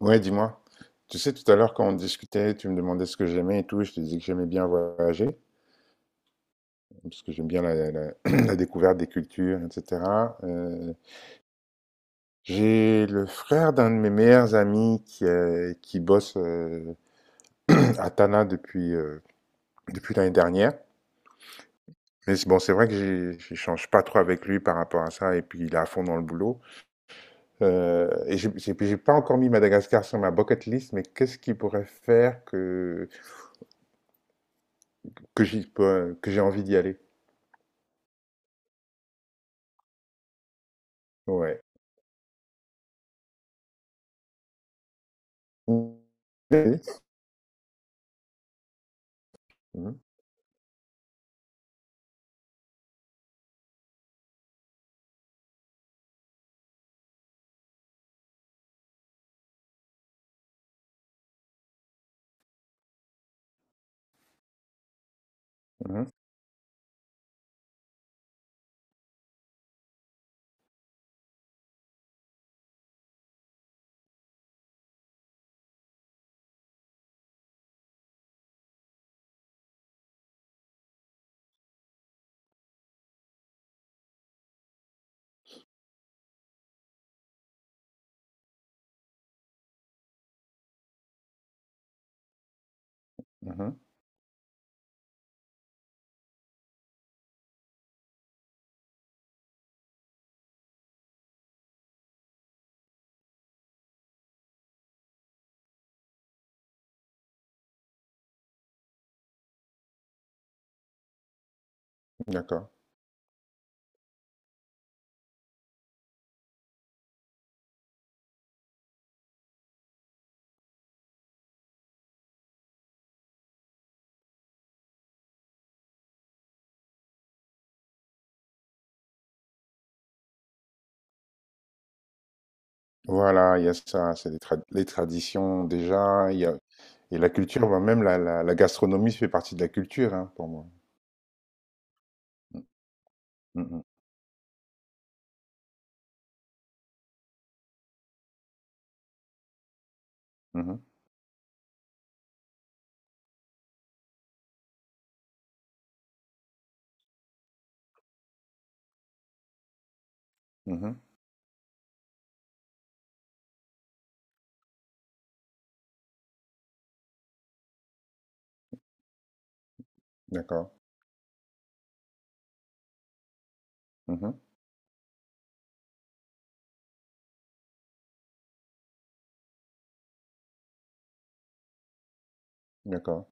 Ouais, dis-moi. Tu sais, tout à l'heure, quand on discutait, tu me demandais ce que j'aimais et tout, je te disais que j'aimais bien voyager, parce que j'aime bien la découverte des cultures, etc. Euh, j'ai le frère d'un de mes meilleurs amis qui bosse à Tana depuis, depuis l'année dernière. Mais bon, c'est vrai que j'échange pas trop avec lui par rapport à ça, et puis il est à fond dans le boulot. J'ai pas encore mis Madagascar sur ma bucket list, mais qu'est-ce qui pourrait faire que, que j'ai envie d'y aller? Ouais. Oui, oui. Mhm, mhm, mhm. D'accord. Voilà, il y a ça, c'est les traditions déjà, il y a, et la culture, bah, même la gastronomie fait partie de la culture, hein, pour moi. Mhm, mhm, mhm. D'accord, mhm, d'accord,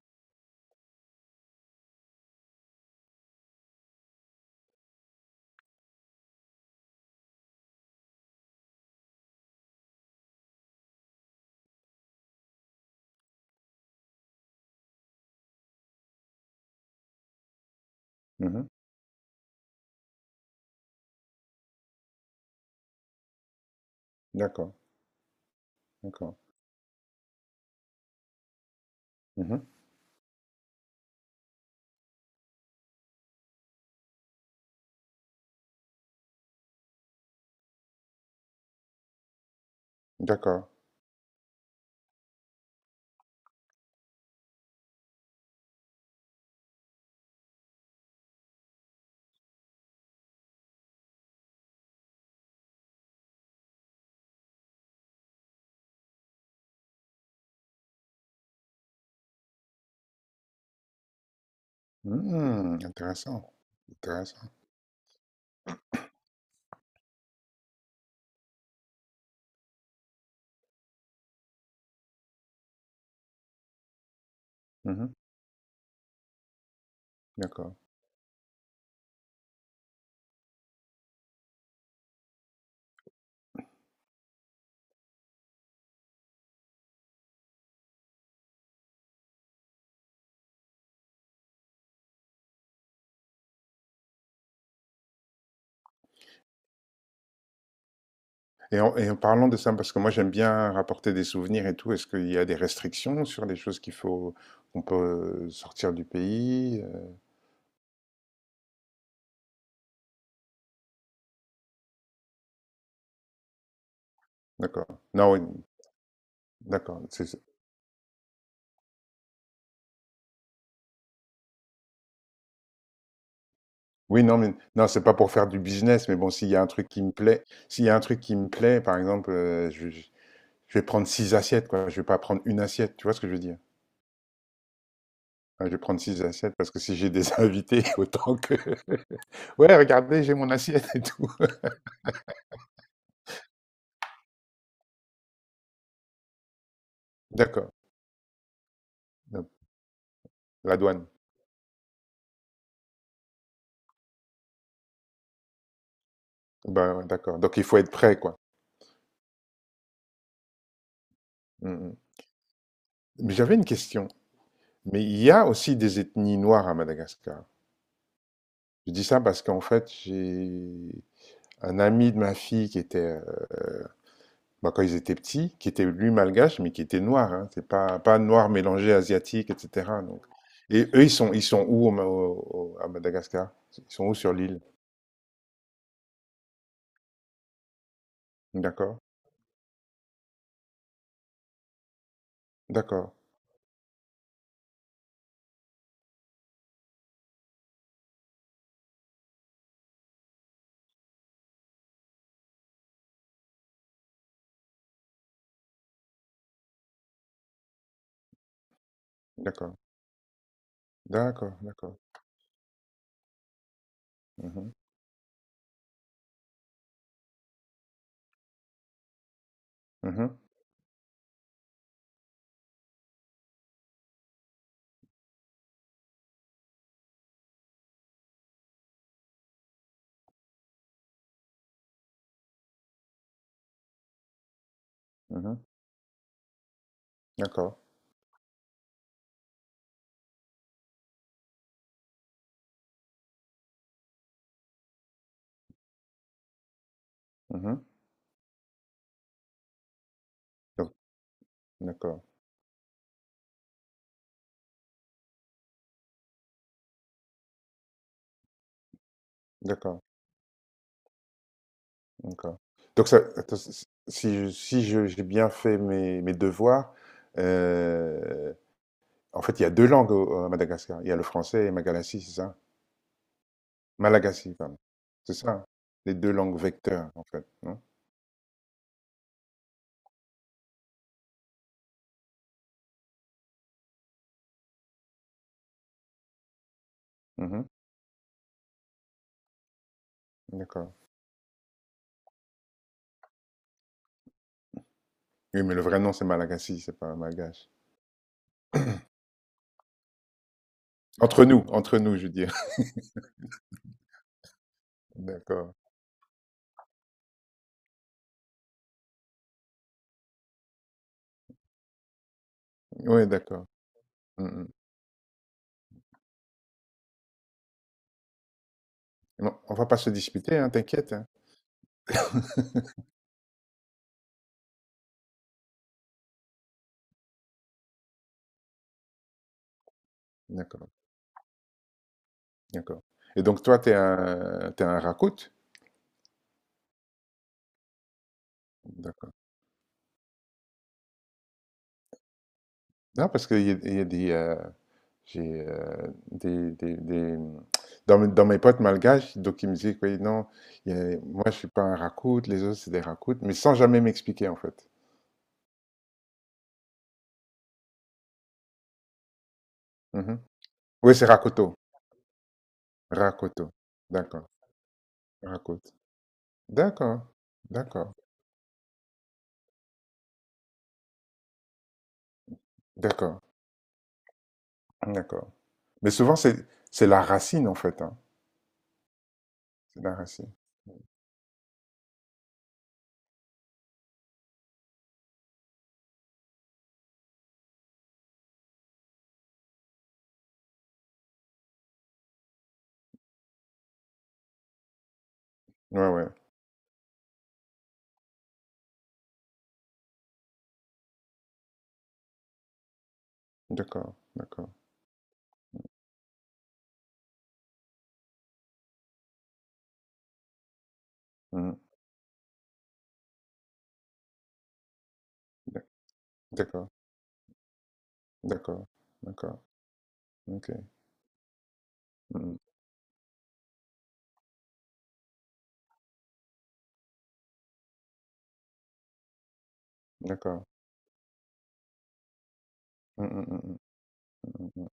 mhm, d'accord, d'accord, mhm, d'accord. Hmm, intéressant, intéressant. Mhm, d'accord. Et en parlant de ça, parce que moi j'aime bien rapporter des souvenirs et tout, est-ce qu'il y a des restrictions sur les choses qu'il faut, qu'on peut sortir du pays? D'accord. Non, oui, d'accord. Oui, non, mais non, c'est pas pour faire du business, mais bon, s'il y a un truc qui me plaît, s'il y a un truc qui me plaît, par exemple, je vais prendre six assiettes, quoi. Je vais pas prendre une assiette, tu vois ce que je veux dire? Hein, je vais prendre six assiettes parce que si j'ai des invités, autant que. Ouais, regardez, j'ai mon assiette et tout. D'accord. Donc, la douane. Ben, ouais, d'accord. Donc il faut être prêt, quoi. Mm, mm. Mais j'avais une question. Mais il y a aussi des ethnies noires à Madagascar. Je dis ça parce qu'en fait, j'ai un ami de ma fille qui était bah, quand ils étaient petits, qui était lui malgache, mais qui était noir. Hein. C'est pas, pas noir mélangé asiatique, etc. Donc. Et eux, ils sont où au Ma- au- au- à Madagascar? Ils sont où sur l'île? D'accord, d'accord, d'accord, d'accord, d'accord. Mhm, mhm, mhm, d'accord, mhm. Donc, d'accord, d'accord, d'accord. Donc, ça, attends, si j'ai bien fait mes, mes devoirs, euh, en fait, il y a deux langues à Madagascar. Il y a le français et Malagasy, c'est ça? Malagasy, pardon. C'est ça, hein. Les 2 langues vecteurs, en fait, non? Mmh, d'accord. Oui, mais le vrai nom, c'est Malagasy, c'est pas malgache. Entre nous, je veux dire. D'accord. Oui, d'accord. Mmh. Non, on va pas se disputer, hein, t'inquiète, hein. D'accord, d'accord. Et donc toi, t'es un Rakout? D'accord. Non, parce qu'il y a des, j'ai, des dans mes potes malgaches, donc ils me disaient: «Oui, non, il y a moi, je suis pas un Rakout, les autres, c'est des Rakouts», mais sans jamais m'expliquer, en fait. Mmh. Oui, c'est Rakoto. Rakoto. D'accord. Rakoto. D'accord. D'accord. D'accord. D'accord. Mais souvent, c'est la racine, en fait, hein. C'est la racine. Ouais, ouais. D'accord. D'accord. Mhm. D'ac- D'accord. D'accord. D'accord. Ok. Mhm. D'accord. Mhm, mhm, mhm,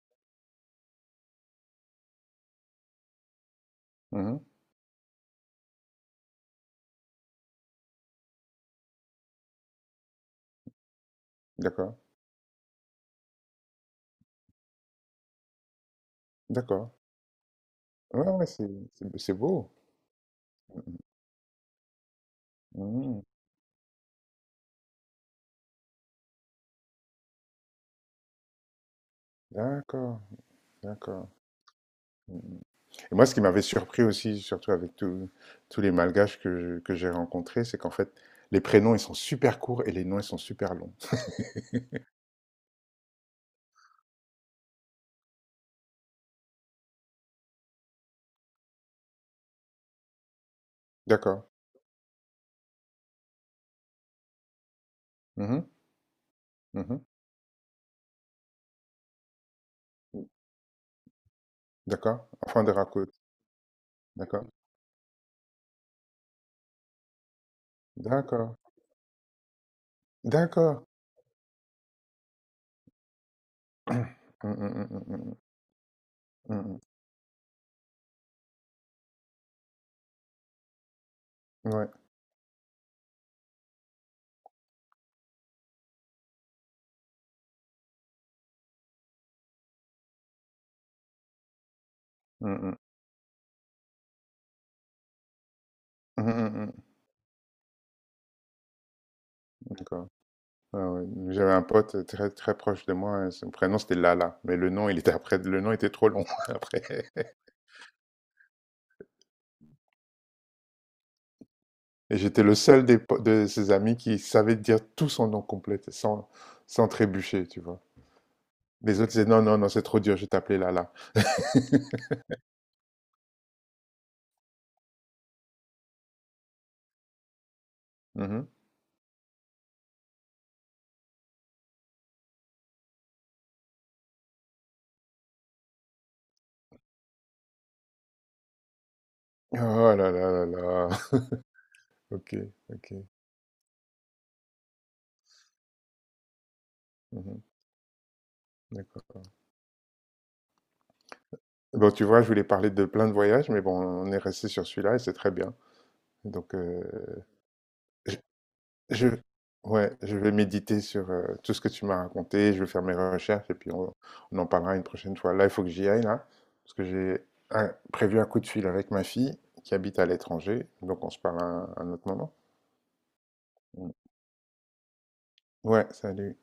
mhm. Mhm. D'accord. D'accord. Ouais, ouais, c'est beau. Mhm. D'accord. D'accord. Mmh. Et moi, ce qui m'avait surpris aussi, surtout avec tous les malgaches que j'ai rencontrés, c'est qu'en fait, les prénoms, ils sont super courts et les noms, ils sont super longs. D'accord. Mhm, mhm. D'accord. Enfin, de raconte. D'accord. D'accord. D'accord. Mm, mm, mm, mm, mm, mm, mm. Ouais. Mm, mm. Mm, mm, mm. D'accord. Ah ouais. J'avais un pote très très proche de moi, son prénom c'était Lala, mais le nom il était après, le nom était trop long après. Et j'étais le seul de ses amis qui savait dire tout son nom complet, sans, sans trébucher, tu vois. Les autres disaient, non, non, non, c'est trop dur, je vais t'appeler là là. Mhm. Oh là là là là. Ok, ok. Mhm, d'accord. Bon, tu vois, je voulais parler de plein de voyages, mais bon, on est resté sur celui-là et c'est très bien. Donc, euh, Je, ouais, je vais méditer sur tout ce que tu m'as raconté, je vais faire mes recherches et puis on en parlera une prochaine fois. Là, il faut que j'y aille, là, parce que j'ai prévu un coup de fil avec ma fille qui habite à l'étranger, donc on se parle à un autre moment. Mm. Ouais, salut.